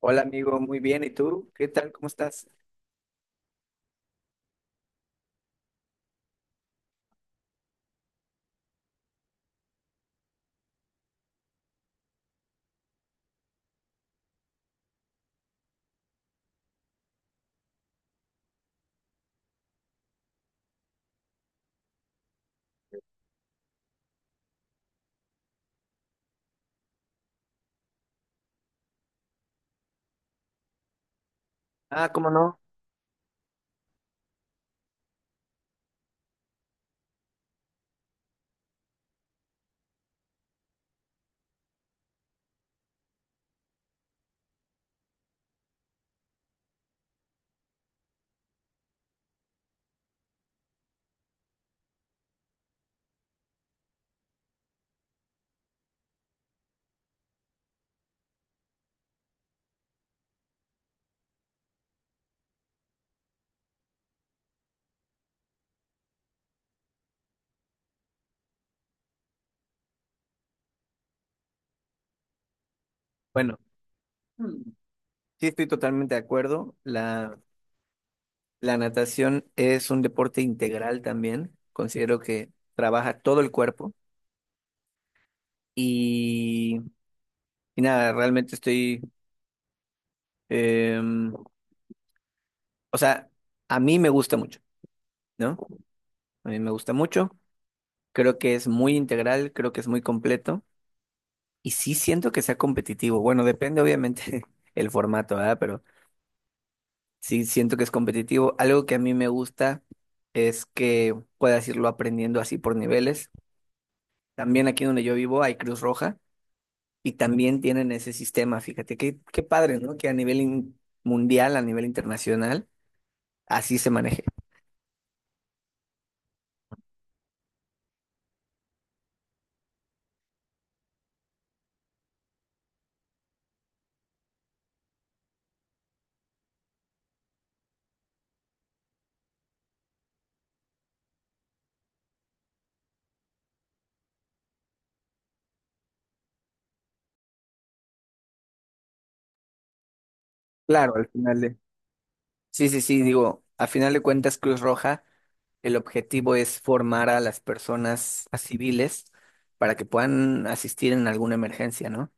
Hola amigo, muy bien. ¿Y tú? ¿Qué tal? ¿Cómo estás? Ah, ¿cómo no? Bueno, mm, sí estoy totalmente de acuerdo. La natación es un deporte integral también. Considero que trabaja todo el cuerpo y, y nada, realmente estoy, em, o sea, a mí me gusta mucho, ¿no? A mí me gusta mucho. Creo que es muy integral, creo que es muy completo y sí siento que sea competitivo. Bueno, depende obviamente el formato, ¿verdad? Pero sí, siento que es competitivo. Algo que a mí me gusta es que puedas irlo aprendiendo así por niveles. También aquí donde yo vivo hay Cruz Roja y también tienen ese sistema. Fíjate, qué padre, ¿no? Que a nivel mundial, a nivel internacional, así se maneje. Claro, al final de... Sí, digo, al final de cuentas Cruz Roja, el objetivo es formar a las personas, a civiles, para que puedan asistir en alguna emergencia, ¿no?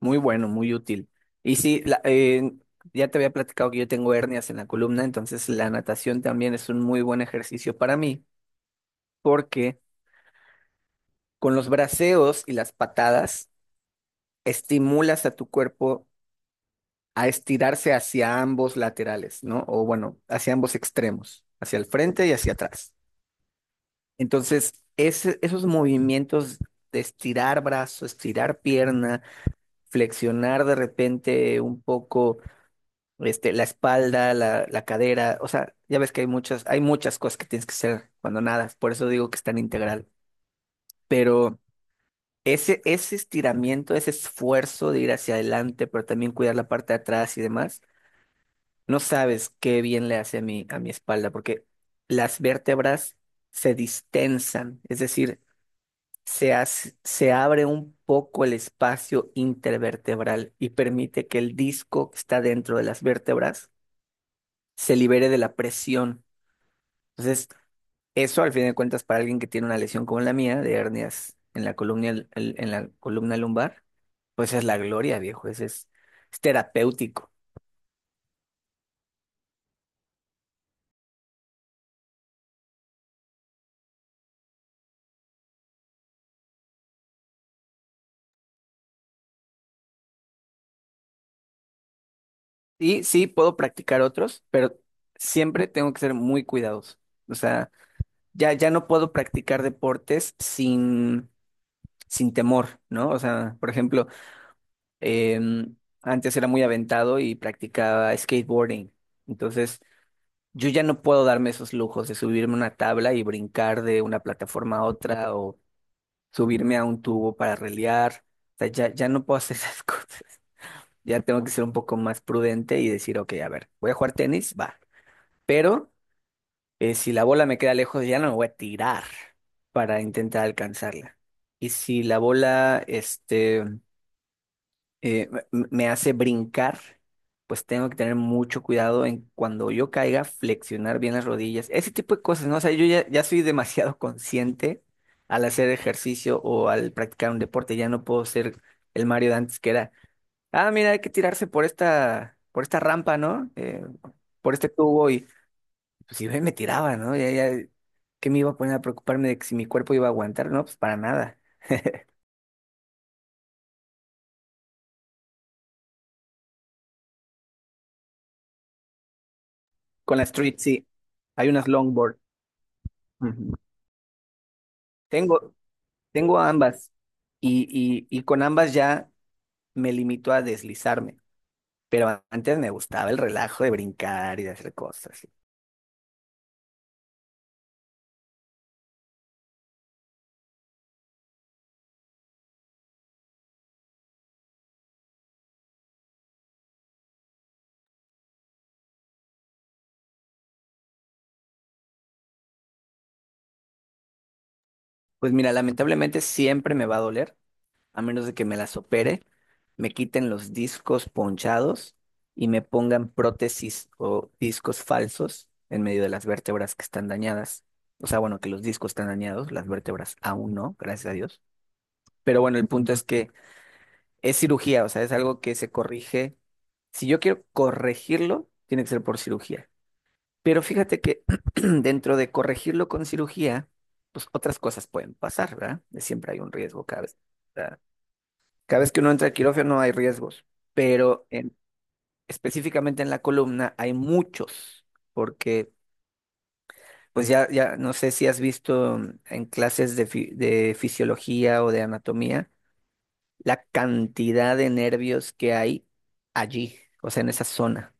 Muy bueno, muy útil. Y sí, ya te había platicado que yo tengo hernias en la columna, entonces la natación también es un muy buen ejercicio para mí, porque con los braceos y las patadas estimulas a tu cuerpo a estirarse hacia ambos laterales, ¿no? O bueno, hacia ambos extremos, hacia el frente y hacia atrás. Entonces, esos movimientos de estirar brazo, estirar pierna, flexionar de repente un poco este, la espalda, la cadera, o sea, ya ves que hay muchas cosas que tienes que hacer cuando nadas, por eso digo que es tan integral, pero ese estiramiento, ese esfuerzo de ir hacia adelante, pero también cuidar la parte de atrás y demás, no sabes qué bien le hace a mi espalda, porque las vértebras se distensan, es decir, se abre un poco el espacio intervertebral y permite que el disco que está dentro de las vértebras se libere de la presión. Entonces, eso al fin de cuentas para alguien que tiene una lesión como la mía, de hernias en la columna, en la columna lumbar, pues es la gloria, viejo, ese es terapéutico. Y sí, puedo practicar otros, pero siempre tengo que ser muy cuidadoso. O sea, ya no puedo practicar deportes sin temor, ¿no? O sea, por ejemplo, em, antes era muy aventado y practicaba skateboarding. Entonces, yo ya no puedo darme esos lujos de subirme a una tabla y brincar de una plataforma a otra o subirme a un tubo para relear. O sea, ya no puedo hacer esas cosas. Ya tengo que ser un poco más prudente y decir, ok, a ver, voy a jugar tenis, va. Pero si la bola me queda lejos, ya no me voy a tirar para intentar alcanzarla. Y si la bola, me hace brincar, pues tengo que tener mucho cuidado en cuando yo caiga, flexionar bien las rodillas, ese tipo de cosas, ¿no? O sea, yo ya soy demasiado consciente al hacer ejercicio o al practicar un deporte, ya no puedo ser el Mario de antes que era, ah, mira, hay que tirarse por esta rampa, ¿no? Por este tubo y pues si me tiraba, ¿no? Ya, ¿Qué me iba a poner a preocuparme de que si mi cuerpo iba a aguantar? No, pues para nada. Con la street, sí, hay unas longboard. Ujú. Tengo, Tengo ambas y con ambas ya me limito a deslizarme, pero antes me gustaba el relajo de brincar y de hacer cosas. Pues mira, lamentablemente siempre me va a doler, a menos de que me las opere, me quiten los discos ponchados y me pongan prótesis o discos falsos en medio de las vértebras que están dañadas. O sea, bueno, que los discos están dañados, las vértebras aún no, gracias a Dios. Pero bueno, el punto es que es cirugía, o sea, es algo que se corrige. Si yo quiero corregirlo, tiene que ser por cirugía. Pero fíjate que dentro de corregirlo con cirugía, pues otras cosas pueden pasar, ¿verdad? Siempre hay un riesgo cada vez. ¿Verdad? Cada vez que uno entra al quirófano hay riesgos, pero específicamente en la columna hay muchos, porque pues ya no sé si has visto, mm, en clases de, de fisiología o de anatomía la cantidad de nervios que hay allí, o sea, en esa zona.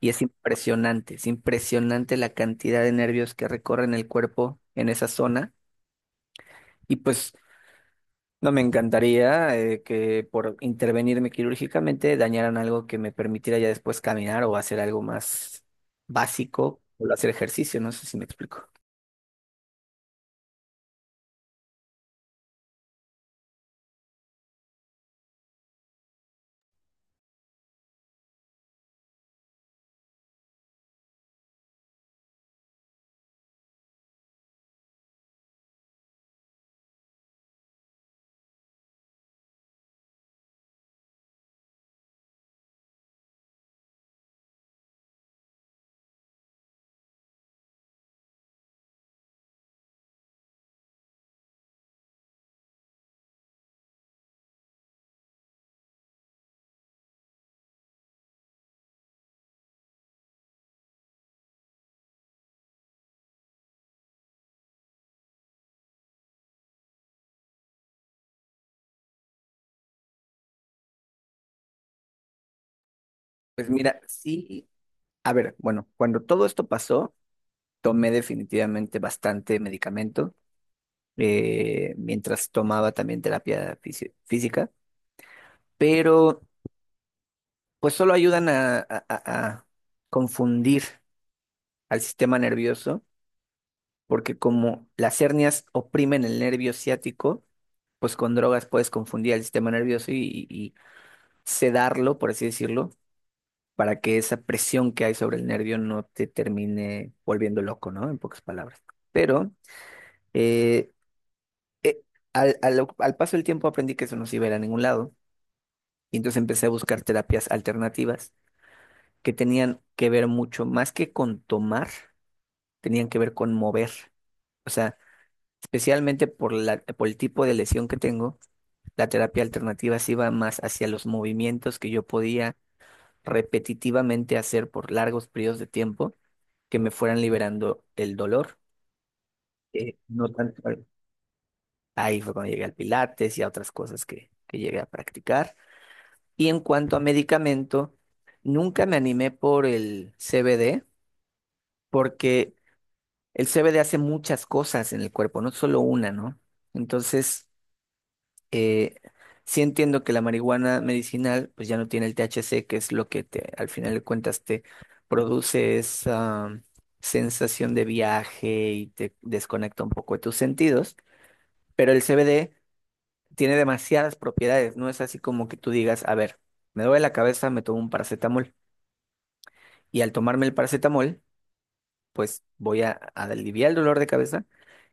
Y es impresionante la cantidad de nervios que recorren el cuerpo en esa zona. Y pues no me encantaría, que por intervenirme quirúrgicamente dañaran algo que me permitiera ya después caminar o hacer algo más básico o hacer ejercicio, no sé si me explico. Pues mira, sí, a ver, bueno, cuando todo esto pasó, tomé definitivamente bastante medicamento, mientras tomaba también terapia física, pero pues solo ayudan a, a confundir al sistema nervioso, porque como las hernias oprimen el nervio ciático, pues con drogas puedes confundir al sistema nervioso y sedarlo, por así decirlo, para que esa presión que hay sobre el nervio no te termine volviendo loco, ¿no? En pocas palabras. Pero eh, eh, al paso del tiempo aprendí que eso no se iba a ir a ningún lado. Y entonces empecé a buscar terapias alternativas que tenían que ver mucho más que con tomar, tenían que ver con mover. O sea, especialmente por por el tipo de lesión que tengo, la terapia alternativa se iba más hacia los movimientos que yo podía repetitivamente hacer por largos periodos de tiempo que me fueran liberando el dolor. No tanto. Ahí fue cuando llegué al Pilates y a otras cosas que llegué a practicar. Y en cuanto a medicamento, nunca me animé por el CBD porque el CBD hace muchas cosas en el cuerpo, no solo una, ¿no? Entonces, eh, sí entiendo que la marihuana medicinal pues ya no tiene el THC, que es lo que te, al final de cuentas, te produce esa, mm, sensación de viaje y te desconecta un poco de tus sentidos, pero el CBD tiene demasiadas propiedades, no es así como que tú digas, a ver, me duele la cabeza, me tomo un paracetamol y al tomarme el paracetamol pues voy a aliviar el dolor de cabeza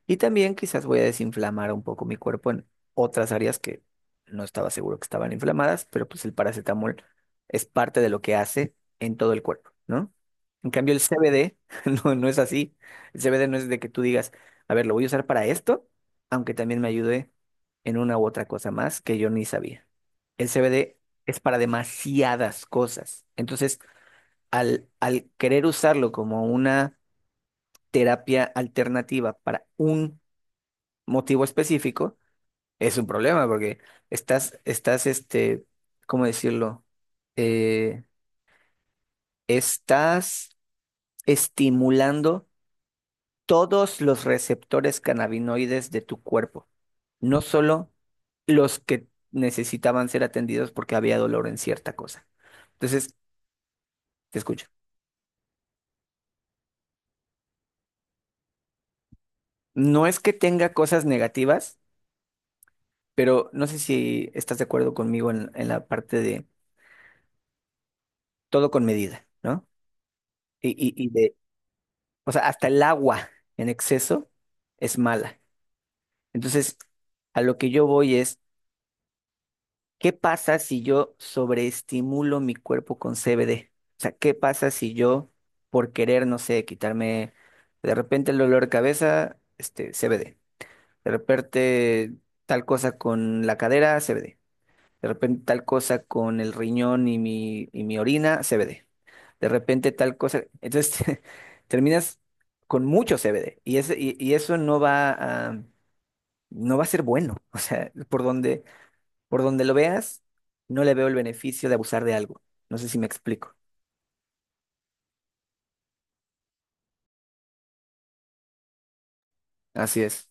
y también quizás voy a desinflamar un poco mi cuerpo en otras áreas que no estaba seguro que estaban inflamadas, pero pues el paracetamol es parte de lo que hace en todo el cuerpo, ¿no? En cambio, el CBD no, no es así. El CBD no es de que tú digas, a ver, lo voy a usar para esto, aunque también me ayude en una u otra cosa más que yo ni sabía. El CBD es para demasiadas cosas. Entonces, al querer usarlo como una terapia alternativa para un motivo específico, es un problema porque estás, estás, este, ¿cómo decirlo? Eh, Estás estimulando todos los receptores cannabinoides de tu cuerpo, no solo los que necesitaban ser atendidos porque había dolor en cierta cosa. Entonces, te escucho. No es que tenga cosas negativas, pero no sé si estás de acuerdo conmigo en la parte de todo con medida, ¿no? Y, y, y de, o sea, hasta el agua en exceso es mala. Entonces, a lo que yo voy es, ¿qué pasa si yo sobreestimulo mi cuerpo con CBD? O sea, ¿qué pasa si yo, por querer, no sé, quitarme de repente el dolor de cabeza, este, CBD? De repente tal cosa con la cadera, CBD. De repente tal cosa con el riñón y mi orina, CBD. De repente tal cosa. Entonces terminas con mucho CBD y, eso no va a, no va a ser bueno. O sea, por donde lo veas, no le veo el beneficio de abusar de algo. No sé si me explico. Así es.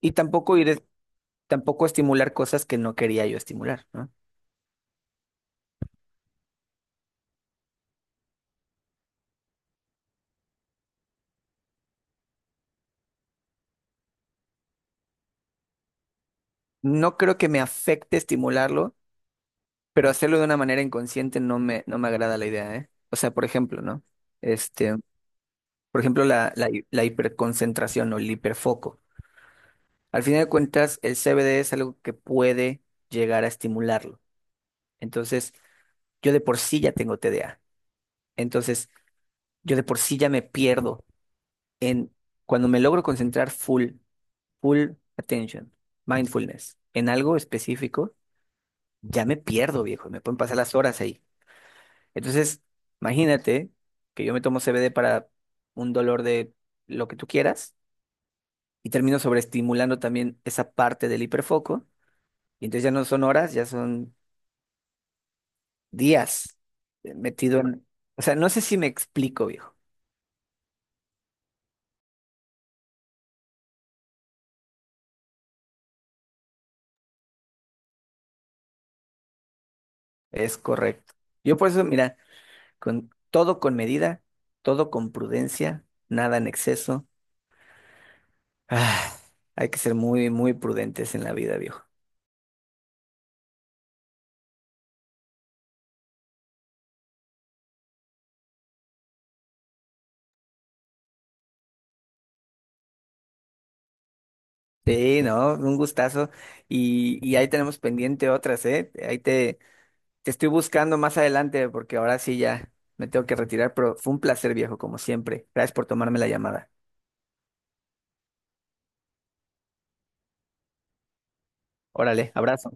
Y tampoco ir, tampoco estimular cosas que no quería yo estimular, ¿no? No creo que me afecte estimularlo, pero hacerlo de una manera inconsciente no me, no me agrada la idea, ¿eh? O sea, por ejemplo, ¿no? Este, por ejemplo, la hiperconcentración o el hiperfoco. Al final de cuentas, el CBD es algo que puede llegar a estimularlo. Entonces, yo de por sí ya tengo TDA. Entonces, yo de por sí ya me pierdo en cuando me logro concentrar full, full attention, mindfulness, en algo específico, ya me pierdo, viejo. Me pueden pasar las horas ahí. Entonces, imagínate que yo me tomo CBD para un dolor de lo que tú quieras y termino sobreestimulando también esa parte del hiperfoco. Y entonces ya no son horas, ya son días, metido en... O sea, no sé si me explico, viejo. Es correcto. Yo por eso, mira, con todo con medida, todo con prudencia, nada en exceso. Ah, hay que ser muy prudentes en la vida, viejo. Sí, no, un gustazo. Y ahí tenemos pendiente otras, ¿eh? Ahí te... Te estoy buscando más adelante porque ahora sí ya me tengo que retirar, pero fue un placer, viejo, como siempre. Gracias por tomarme la llamada. Órale, abrazo.